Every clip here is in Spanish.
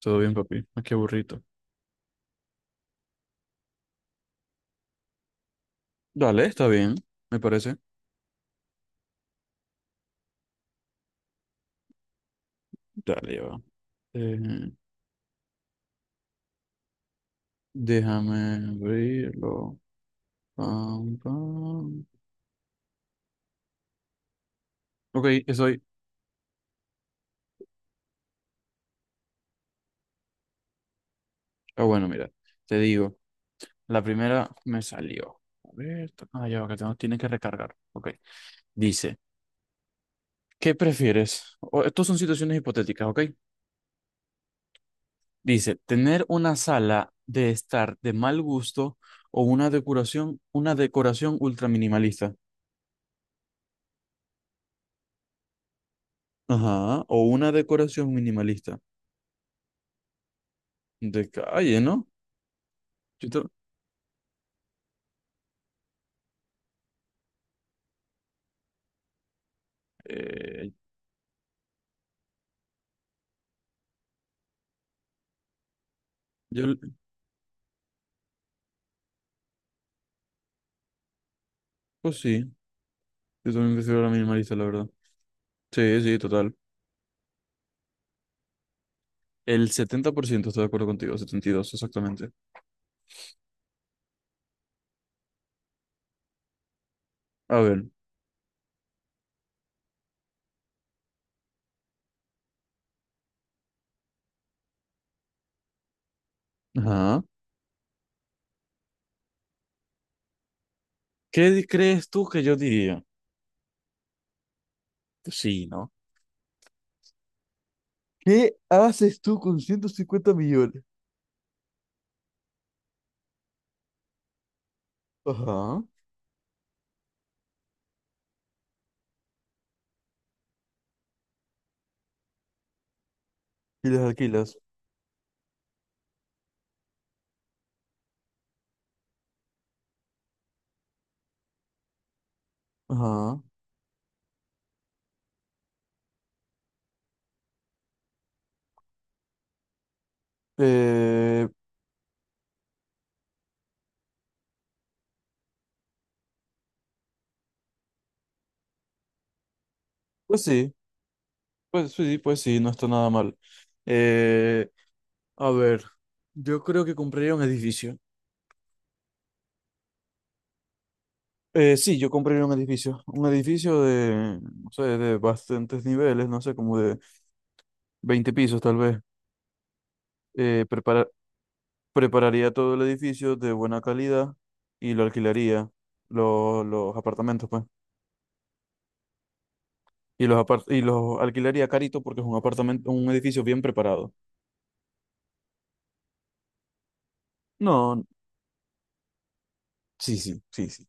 Todo bien, papi. Ah, qué burrito. Dale, está bien, me parece. Dale, ya va. Eh, Déjame abrirlo. Pam, pam. Ok, estoy. Ah, bueno, mira, te digo. La primera me salió. A ver, ya va, tiene que recargar. Ok. Dice, ¿qué prefieres? Estos son situaciones hipotéticas, ¿ok? Dice, ¿tener una sala de estar de mal gusto o una decoración ultra minimalista? Ajá, o una decoración minimalista. De calle, ¿no? Yo, ta- eh, yo, pues sí, yo también prefiero la minimalista, la verdad. Sí, sí, total. El 70% está de acuerdo contigo, 72 exactamente. A ver, ajá. ¿ Crees tú que yo diría? Pues sí, ¿no? ¿Qué haces tú con 150 millones? Ajá. Y las alquilas. Ajá. Eh, pues sí, pues sí, pues sí, no está nada mal. Eh, a ver, yo creo que compraría un edificio. Sí, yo compré un edificio de, no sé, de bastantes niveles, no sé, como de 20 pisos tal vez. Eh, prepara- Prepararía todo el edificio de buena calidad y lo alquilaría, los apartamentos, pues. Y los alquilaría carito porque es un apartamento, un edificio bien preparado. No, sí, sí, sí, sí.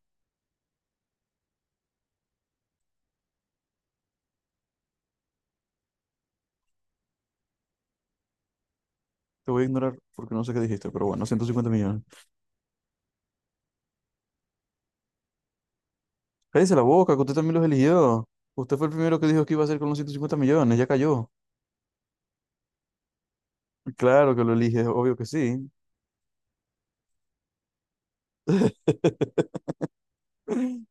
Te voy a ignorar porque no sé qué dijiste, pero bueno, 150 millones. Cállese la boca, que usted también los eligió. Usted fue el primero que dijo que iba a hacer con los 150 millones, ya cayó. Claro que lo eliges, obvio que sí.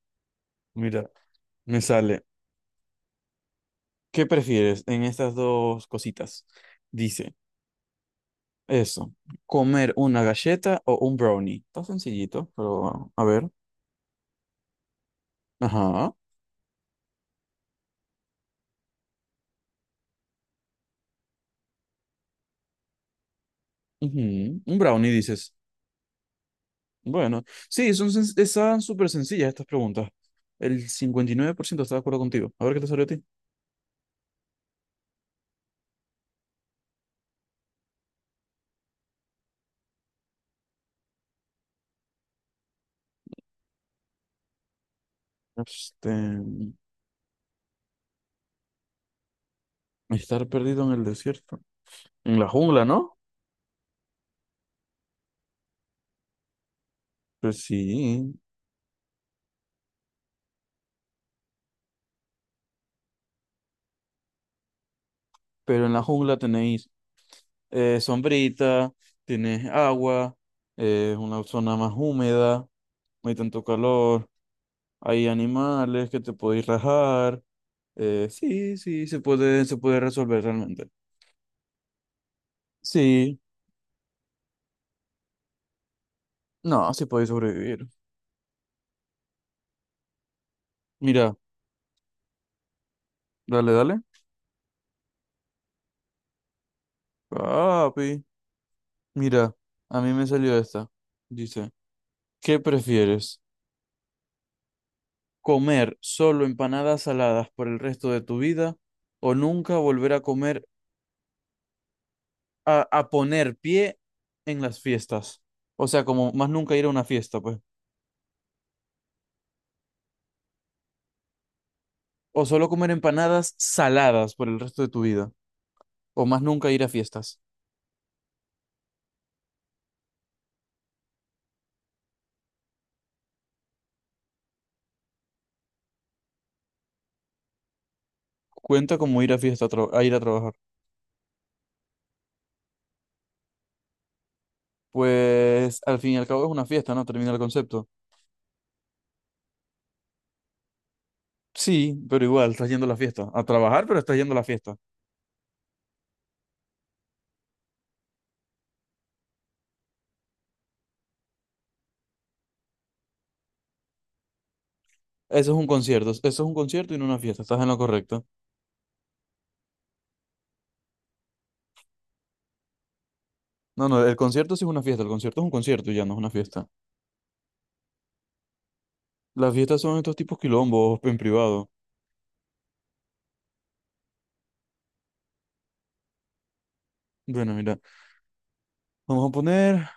Mira, me sale. ¿Qué prefieres en estas dos cositas? Dice eso, comer una galleta o un brownie. Está sencillito, pero a ver. Ajá. Ujú. Un brownie, dices. Bueno, sí, están súper sencillas estas preguntas. El 59% está de acuerdo contigo. A ver qué te salió a ti. Este, Estar perdido en el desierto. En la jungla, ¿no? Pues sí, pero en la jungla tenéis sombrita, tienes agua, una zona más húmeda, no hay tanto calor, hay animales que te podéis rajar. Sí, sí, se puede resolver realmente. Sí, no, sí podéis sobrevivir. Mira, dale, dale. Papi, mira, a mí me salió esta. Dice, ¿qué prefieres? ¿Comer solo empanadas saladas por el resto de tu vida o nunca volver a poner pie en las fiestas? O sea, como más nunca ir a una fiesta, pues. O solo comer empanadas saladas por el resto de tu vida. O más nunca ir a fiestas. Cuenta como ir a fiesta, a ir a trabajar. Pues al fin y al cabo es una fiesta, ¿no? Termina el concepto. Sí, pero igual, estás yendo a la fiesta. A trabajar, pero estás yendo a la fiesta. Eso es un concierto. Eso es un concierto y no una fiesta. Estás en lo correcto. No, no, el concierto sí es una fiesta. El concierto es un concierto y ya no es una fiesta. Las fiestas son estos tipos quilombos en privado. Bueno, mira, vamos a poner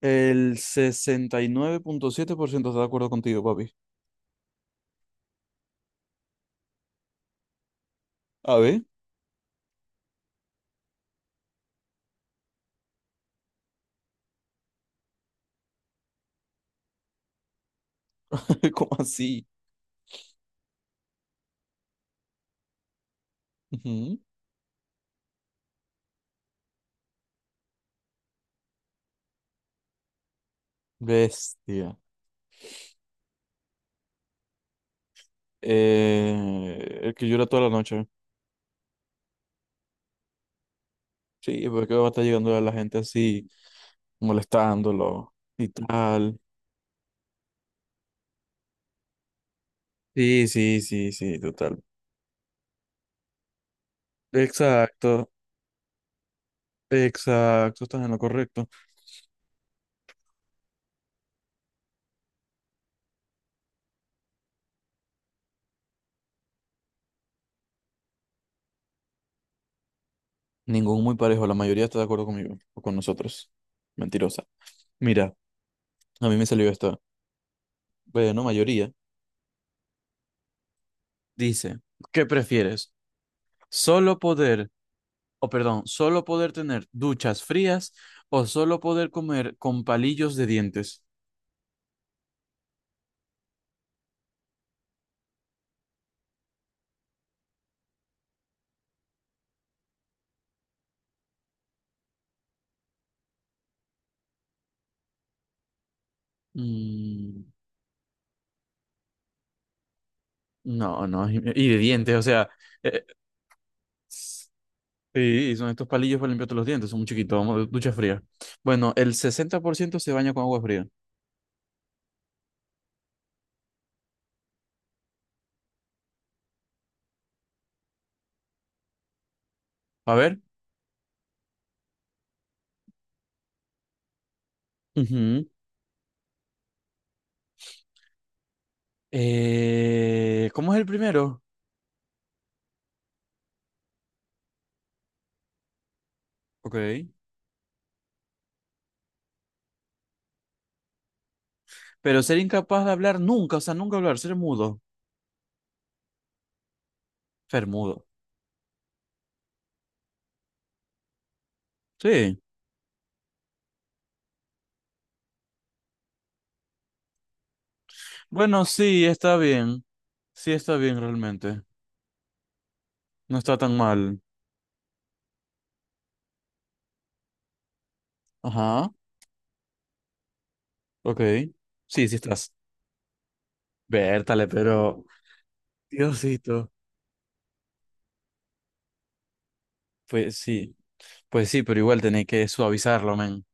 El 69.7% está de acuerdo contigo, papi. A ver, ¿cómo así? Ujú. Bestia. El que llora toda la noche. Sí, porque va a estar llegando a la gente así, molestándolo y tal. Sí, sí, sí, sí, total. Exacto, exacto, estás en lo correcto. Ningún muy parejo, la mayoría está de acuerdo conmigo o con nosotros. Mentirosa. Mira, a mí me salió esta. Bueno, mayoría. Dice, ¿qué prefieres? ¿Solo poder o Perdón, solo poder tener duchas frías o solo poder comer con palillos de dientes? Mm, no, no, y de dientes, o sea, eh, sí, son estos palillos para limpiarte los dientes, son muy chiquitos, vamos, ducha fría. Bueno, el 60% se baña con agua fría. A ver, ujú, ¿cómo es el primero? Ok. Pero ser incapaz de hablar nunca, o sea, nunca hablar, ser mudo, ser mudo. Sí, bueno, sí está bien realmente. No está tan mal. Ajá, ok. Sí, sí estás. Vértale, pero. Diosito. Pues sí, pues sí, pero igual tenés que suavizarlo, men.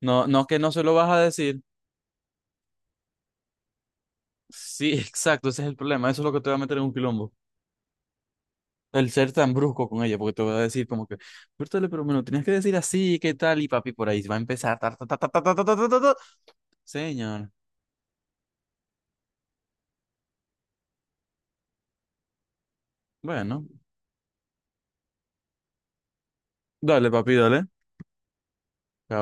No, no que no se lo vas a decir. Sí, exacto, ese es el problema. Eso es lo que te va a meter en un quilombo. El ser tan brusco con ella, porque te va a decir como que, Vértale, pero me lo tenías que decir así, ¿qué tal? Y papi, por ahí va a empezar. Ta, ta, ta, ta, ta, ta, ta, ta, ta, ta, ta". Señor. Bueno, dale, papi, dale. Chao.